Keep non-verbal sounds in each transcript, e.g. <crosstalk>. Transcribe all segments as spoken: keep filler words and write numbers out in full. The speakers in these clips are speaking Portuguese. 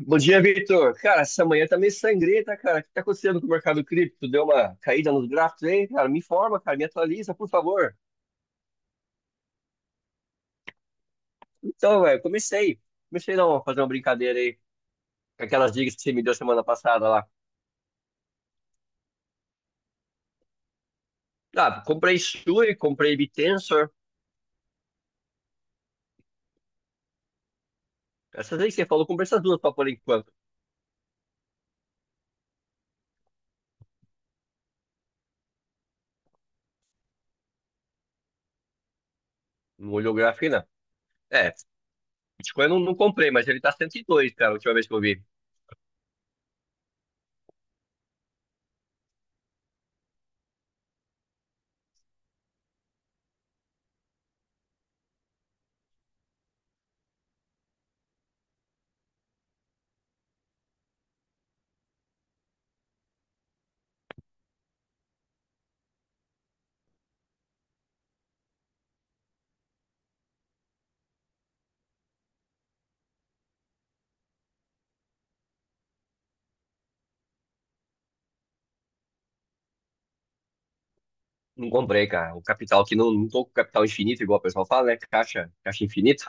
Bom dia, Vitor. Cara, essa manhã tá meio sangrenta, cara. O que tá acontecendo com o mercado cripto? Deu uma caída nos gráficos aí, cara? Me informa, cara, me atualiza, por favor. Então, velho, comecei. Comecei não, a fazer uma brincadeira aí com aquelas dicas que você me deu semana passada lá. Ah, comprei Sui, comprei Bittensor. Essas aí que você falou, comprei essas duas pra por enquanto. Não olhou o gráfico não. É, Bitcoin eu não, não comprei, mas ele tá cento e dois, cara, a última vez que eu vi. Não comprei, cara. O capital aqui, não, não tô com capital infinito, igual o pessoal fala, né? Caixa, caixa infinito.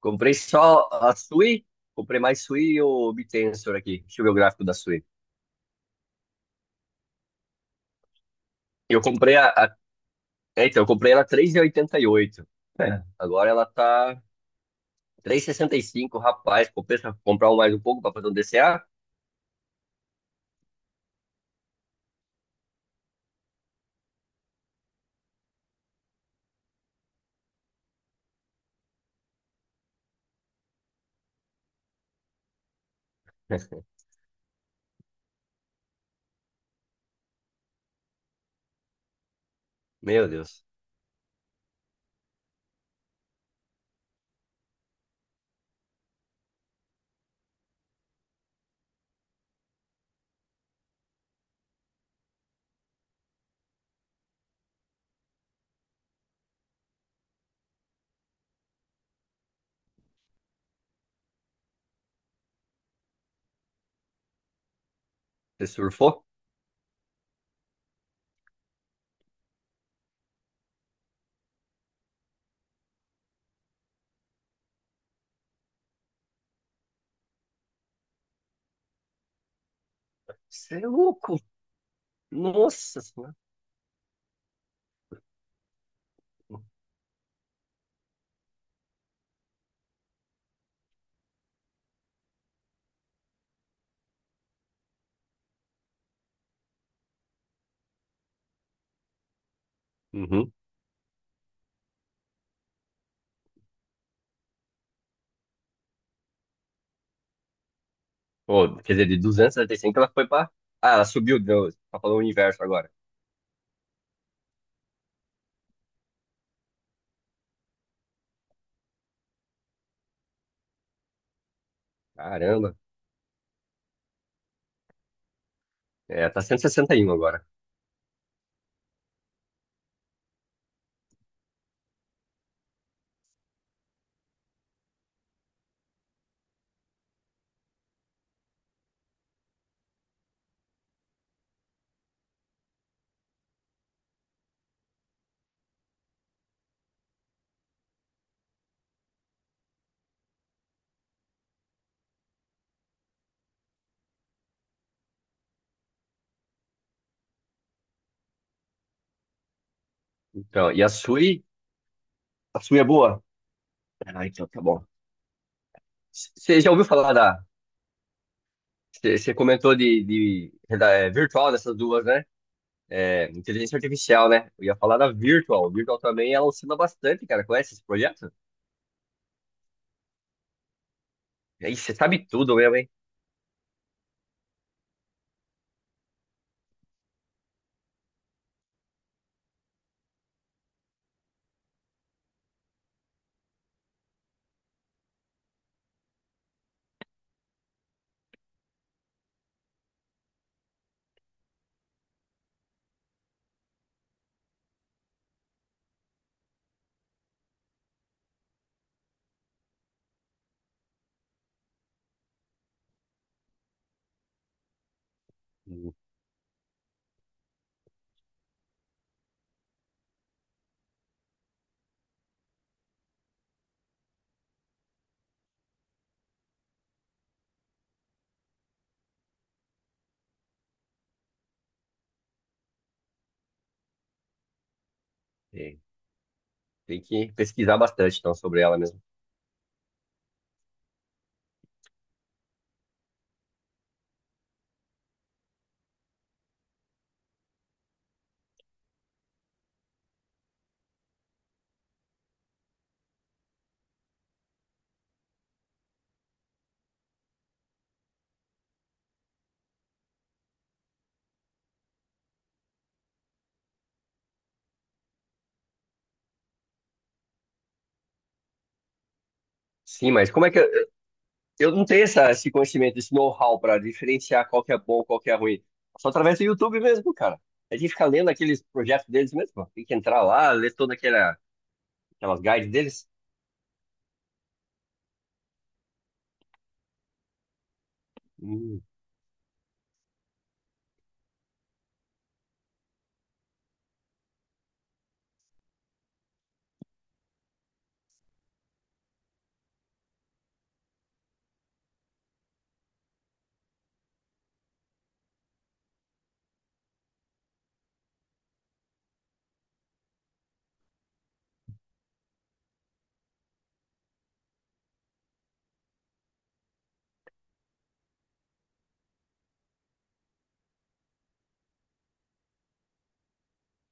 Comprei só a Sui, comprei mais Sui e o Bitensor aqui. Deixa eu ver o gráfico da Sui. Eu comprei a, a- é, então, eu comprei ela três vírgula oitenta e oito. É, agora ela tá três e sessenta e cinco, rapaz. Compensa comprar um mais um pouco para fazer um D C A? <laughs> Meu Deus. Você surfou? Você é louco. Nossa senhora. Uhum. Pô, quer dizer, de duzentos e setenta e cinco? Ela foi pra. Ah, ela subiu, deu, tá falando o inverso agora. Caramba. É, tá cento e e sessenta e um agora. Então, e a Sui? A Sui é boa? Ah, então tá bom. Você já ouviu falar da. Você comentou de, de, da- é, virtual nessas duas, né? É, inteligência artificial, né? Eu ia falar da virtual. Virtual também ela oscila bastante, cara. Conhece esse projeto? E aí você sabe tudo mesmo, hein? Hum, é, tem que pesquisar bastante, então, sobre ela mesmo. Sim, mas como é que. Eu, eu não tenho essa, esse conhecimento, esse know-how para diferenciar qual que é bom, qual que é ruim. Só através do YouTube mesmo, cara. A gente fica lendo aqueles projetos deles mesmo. Tem que entrar lá, ler toda aquela, aquelas guides deles. Hum,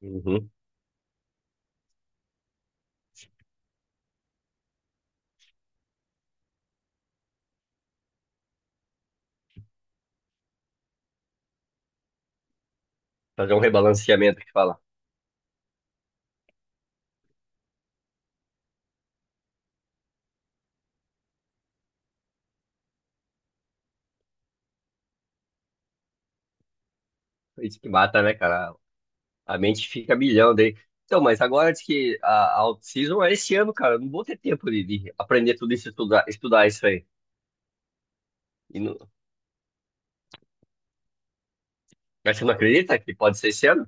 uhum. Fazer um rebalanceamento que fala. Isso que mata, né, cara? A mente fica a milhão daí. Então, mas agora diz que a, a off-season é esse ano, cara. Eu não vou ter tempo de, de aprender tudo isso, estudar, estudar isso aí. E não, mas você não acredita que pode ser esse ano?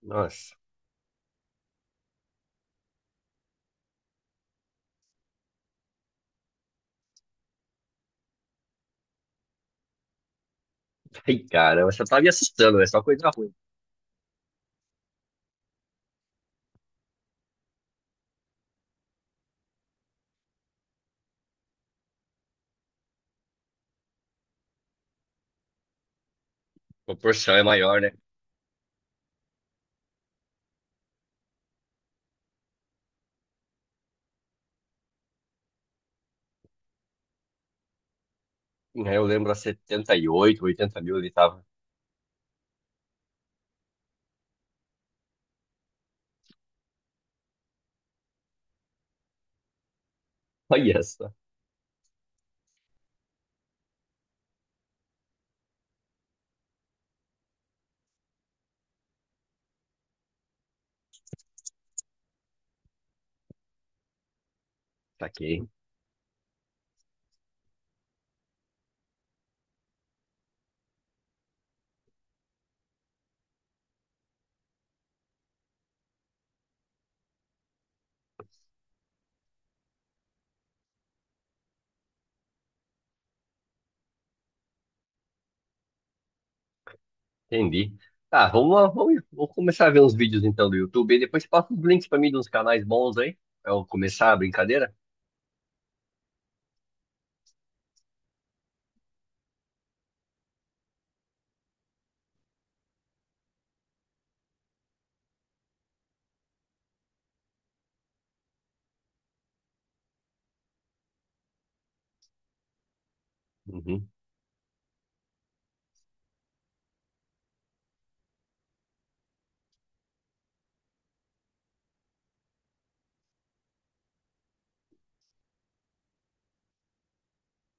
Nossa. <laughs> Ai, cara, você tá me assustando, é só coisa ruim. A proporção é maior, né? É, eu lembro a setenta e oito, 80 mil ele tava. Olha só, tá aqui. Entendi. Tá, vamos lá, vamos, vou começar a ver uns vídeos então do YouTube e depois passa os links pra mim de uns canais bons aí, pra eu começar a brincadeira. Uhum.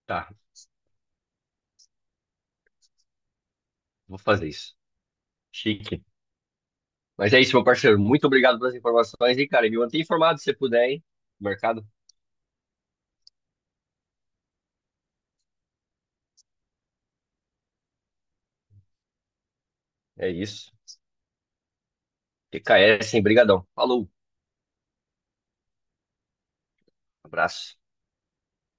Tá, vou fazer isso. Chique. Mas é isso, meu parceiro. Muito obrigado pelas informações e, cara, e me mantém informado se você puder, hein? Mercado. É isso. T K S, hein? Brigadão. Falou. Abraço.